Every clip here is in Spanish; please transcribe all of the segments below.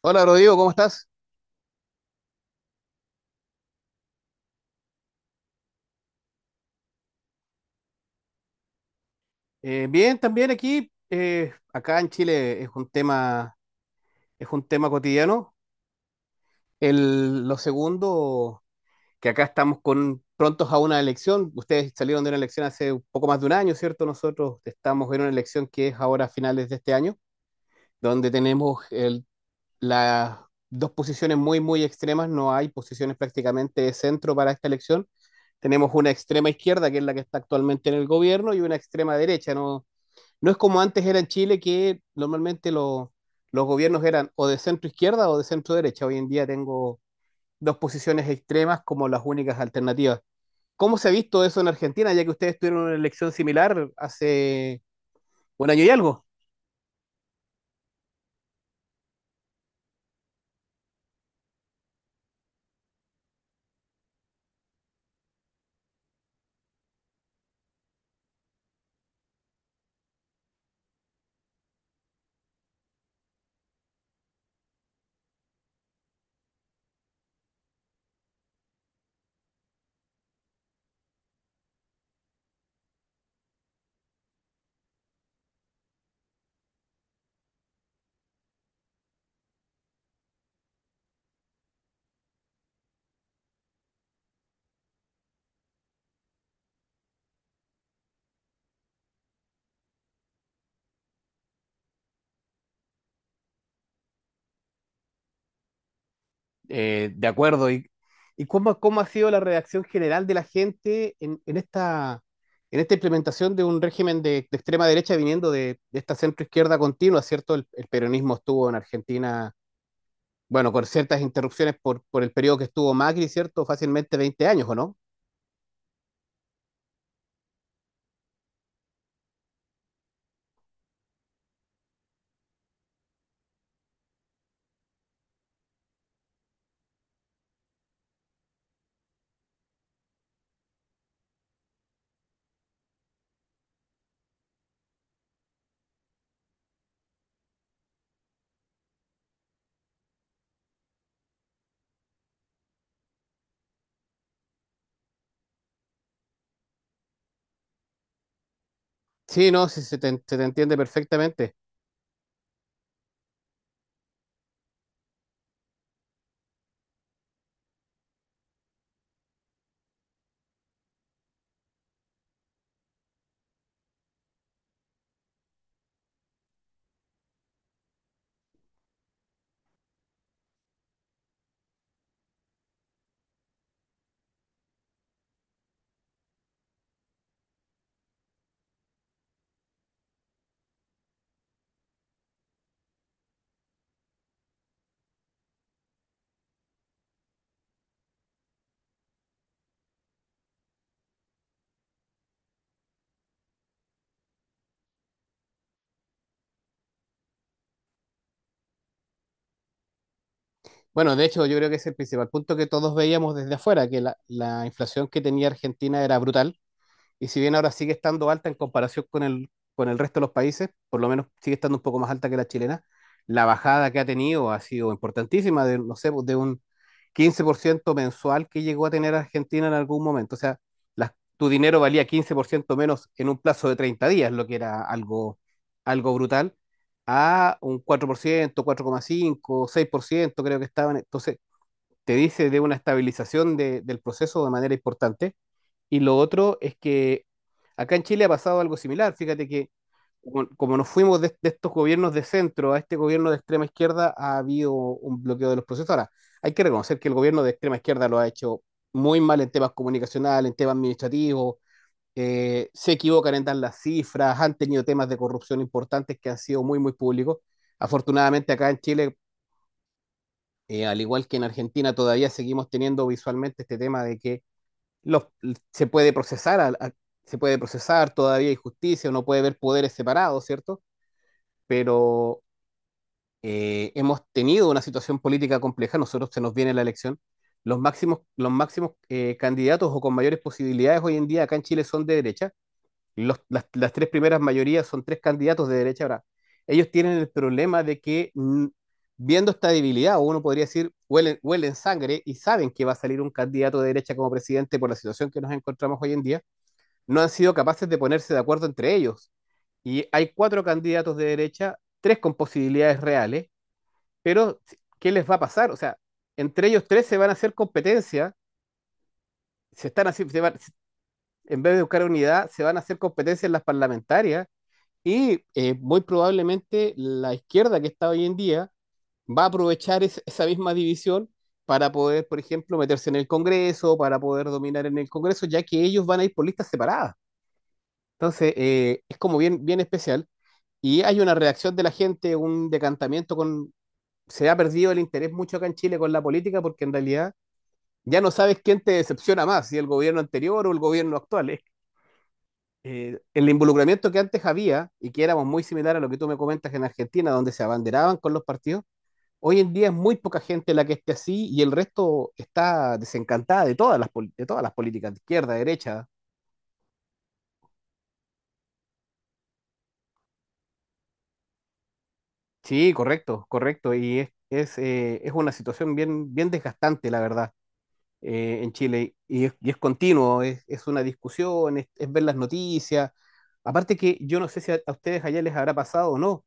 Hola Rodrigo, ¿cómo estás? Bien, también aquí, acá en Chile es un tema cotidiano. Lo segundo, que acá estamos prontos a una elección. Ustedes salieron de una elección hace un poco más de un año, ¿cierto? Nosotros estamos en una elección que es ahora a finales de este año, donde tenemos las dos posiciones muy, muy extremas. No hay posiciones prácticamente de centro para esta elección. Tenemos una extrema izquierda, que es la que está actualmente en el gobierno, y una extrema derecha, ¿no? No es como antes era en Chile, que normalmente los gobiernos eran o de centro izquierda o de centro derecha. Hoy en día tengo dos posiciones extremas como las únicas alternativas. ¿Cómo se ha visto eso en Argentina, ya que ustedes tuvieron una elección similar hace un año y algo? De acuerdo. ¿Y cómo ha sido la reacción general de la gente en esta implementación de un régimen de extrema derecha viniendo de esta centro izquierda continua, ¿cierto? El peronismo estuvo en Argentina, bueno, con ciertas interrupciones por el periodo que estuvo Macri, ¿cierto? Fácilmente 20 años, ¿o no? Sí, no, sí, se te entiende perfectamente. Bueno, de hecho, yo creo que ese es el principal punto que todos veíamos desde afuera, que la inflación que tenía Argentina era brutal. Y si bien ahora sigue estando alta en comparación con el resto de los países, por lo menos sigue estando un poco más alta que la chilena, la bajada que ha tenido ha sido importantísima, de, no sé, de un 15% mensual que llegó a tener Argentina en algún momento. O sea, tu dinero valía 15% menos en un plazo de 30 días, lo que era algo brutal, a un 4%, 4,5, 6%, creo que estaban. Entonces, te dice de una estabilización del proceso de manera importante. Y lo otro es que acá en Chile ha pasado algo similar. Fíjate que como nos fuimos de estos gobiernos de centro a este gobierno de extrema izquierda, ha habido un bloqueo de los procesos. Ahora, hay que reconocer que el gobierno de extrema izquierda lo ha hecho muy mal en temas comunicacionales, en temas administrativos, se equivocan en dar las cifras, han tenido temas de corrupción importantes que han sido muy, muy públicos. Afortunadamente acá en Chile, al igual que en Argentina, todavía seguimos teniendo visualmente este tema de que los, se puede procesar, a- se puede procesar todavía injusticia, uno puede ver poderes separados, ¿cierto? Pero hemos tenido una situación política compleja, nosotros se nos viene la elección. Los máximos candidatos o con mayores posibilidades hoy en día acá en Chile son de derecha. Las tres primeras mayorías son tres candidatos de derecha. Ahora, ellos tienen el problema de que, viendo esta debilidad, uno podría decir, huelen, huelen sangre y saben que va a salir un candidato de derecha como presidente por la situación que nos encontramos hoy en día. No han sido capaces de ponerse de acuerdo entre ellos. Y hay cuatro candidatos de derecha, tres con posibilidades reales, pero ¿qué les va a pasar? O sea, entre ellos tres se van a hacer competencia, se están así, en vez de buscar unidad, se van a hacer competencia en las parlamentarias y muy probablemente la izquierda que está hoy en día va a aprovechar esa misma división para poder, por ejemplo, meterse en el Congreso, para poder dominar en el Congreso, ya que ellos van a ir por listas separadas. Entonces, es como bien, bien especial. Y hay una reacción de la gente, un decantamiento con. Se ha perdido el interés mucho acá en Chile con la política, porque en realidad ya no sabes quién te decepciona más, si el gobierno anterior o el gobierno actual. ¿Eh? El involucramiento que antes había y que éramos muy similar a lo que tú me comentas en Argentina, donde se abanderaban con los partidos, hoy en día es muy poca gente la que esté así, y el resto está desencantada de de todas las políticas, de izquierda, derecha. Sí, correcto, correcto. Y es una situación bien, bien desgastante, la verdad, en Chile. Y es continuo, es una discusión, es ver las noticias. Aparte, que yo no sé si a ustedes allá les habrá pasado o no,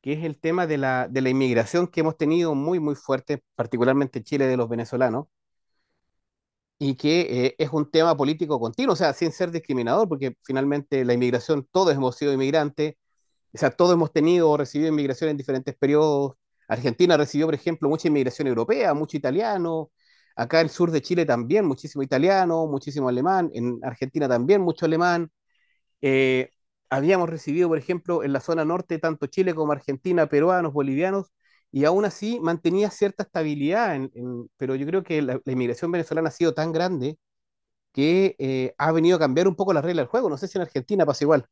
que es el tema de de la inmigración, que hemos tenido muy, muy fuerte, particularmente en Chile, de los venezolanos, y que es un tema político continuo. O sea, sin ser discriminador, porque finalmente la inmigración, todos hemos sido inmigrantes, o sea, todos hemos tenido o recibido inmigración en diferentes periodos. Argentina recibió, por ejemplo, mucha inmigración europea, mucho italiano. Acá en el sur de Chile también, muchísimo italiano, muchísimo alemán. En Argentina también, mucho alemán. Eh, Habíamos recibido, por ejemplo, en la zona norte, tanto Chile como Argentina, peruanos, bolivianos, y aún así mantenía cierta estabilidad. Pero yo creo que inmigración venezolana ha sido tan grande que ha venido a cambiar un poco las reglas del juego. No sé si en Argentina pasa igual.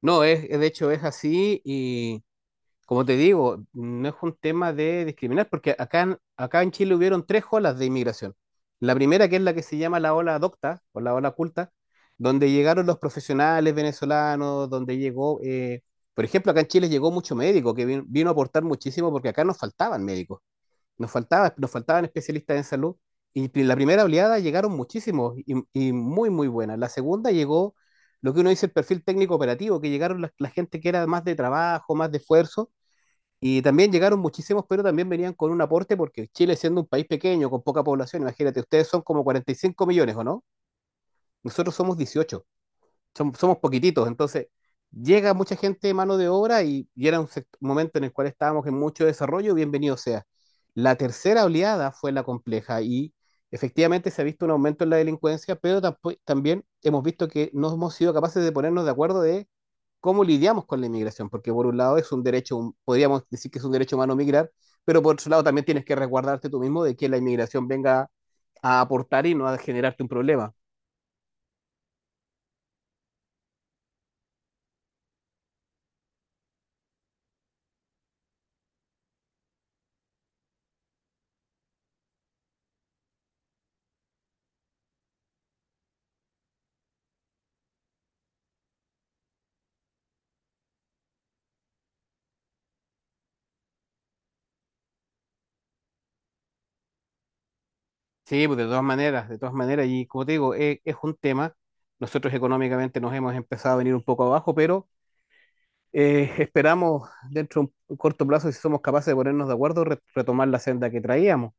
No, de hecho es así. Y como te digo, no es un tema de discriminar, porque acá en Chile hubieron tres olas de inmigración. La primera, que es la que se llama la ola docta o la ola culta, donde llegaron los profesionales venezolanos, donde llegó, por ejemplo, acá en Chile llegó mucho médico, que vino a aportar muchísimo, porque acá nos faltaban médicos, nos faltaban especialistas en salud, y la primera oleada llegaron muchísimos y muy, muy buenas. La segunda llegó lo que uno dice el perfil técnico operativo, que llegaron la gente que era más de trabajo, más de esfuerzo, y también llegaron muchísimos, pero también venían con un aporte, porque Chile, siendo un país pequeño, con poca población, imagínate, ustedes son como 45 millones, ¿o no? Nosotros somos 18, somos poquititos, entonces llega mucha gente de mano de obra y era un momento en el cual estábamos en mucho desarrollo, bienvenido sea. La tercera oleada fue la compleja, y efectivamente se ha visto un aumento en la delincuencia, pero también hemos visto que no hemos sido capaces de ponernos de acuerdo de cómo lidiamos con la inmigración, porque por un lado es un derecho, podríamos decir que es un derecho humano migrar, pero por otro lado también tienes que resguardarte tú mismo de que la inmigración venga a aportar y no a generarte un problema. Sí, pues de todas maneras, y como te digo, es un tema. Nosotros económicamente nos hemos empezado a venir un poco abajo, pero esperamos dentro de un corto plazo, si somos capaces de ponernos de acuerdo, retomar la senda que traíamos.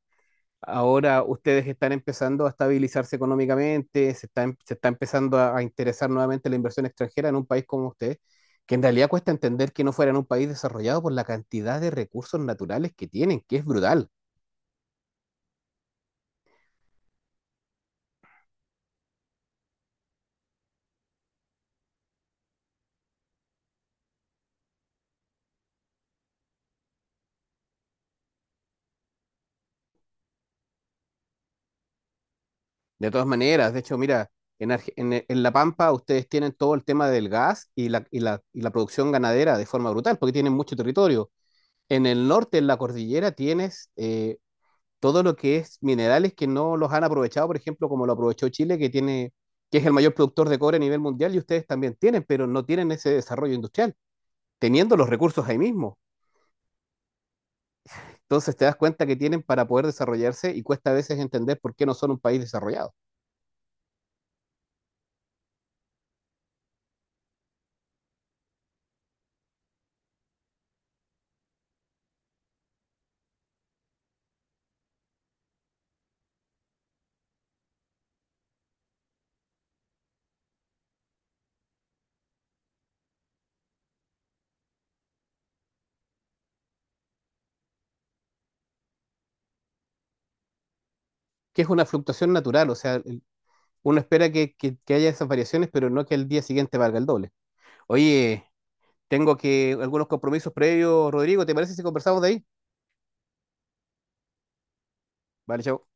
Ahora ustedes están empezando a estabilizarse económicamente, se está empezando a interesar nuevamente la inversión extranjera en un país como ustedes, que en realidad cuesta entender que no fueran un país desarrollado por la cantidad de recursos naturales que tienen, que es brutal. De todas maneras, de hecho, mira, en La Pampa ustedes tienen todo el tema del gas y la producción ganadera de forma brutal, porque tienen mucho territorio. En el norte, en la cordillera, tienes todo lo que es minerales que no los han aprovechado, por ejemplo, como lo aprovechó Chile, que es el mayor productor de cobre a nivel mundial, y ustedes también tienen, pero no tienen ese desarrollo industrial, teniendo los recursos ahí mismo. Entonces te das cuenta que tienen para poder desarrollarse, y cuesta a veces entender por qué no son un país desarrollado, que es una fluctuación natural. O sea, uno espera que haya esas variaciones, pero no que el día siguiente valga el doble. Oye, tengo que algunos compromisos previos, Rodrigo, ¿te parece si conversamos de ahí? Vale, chao.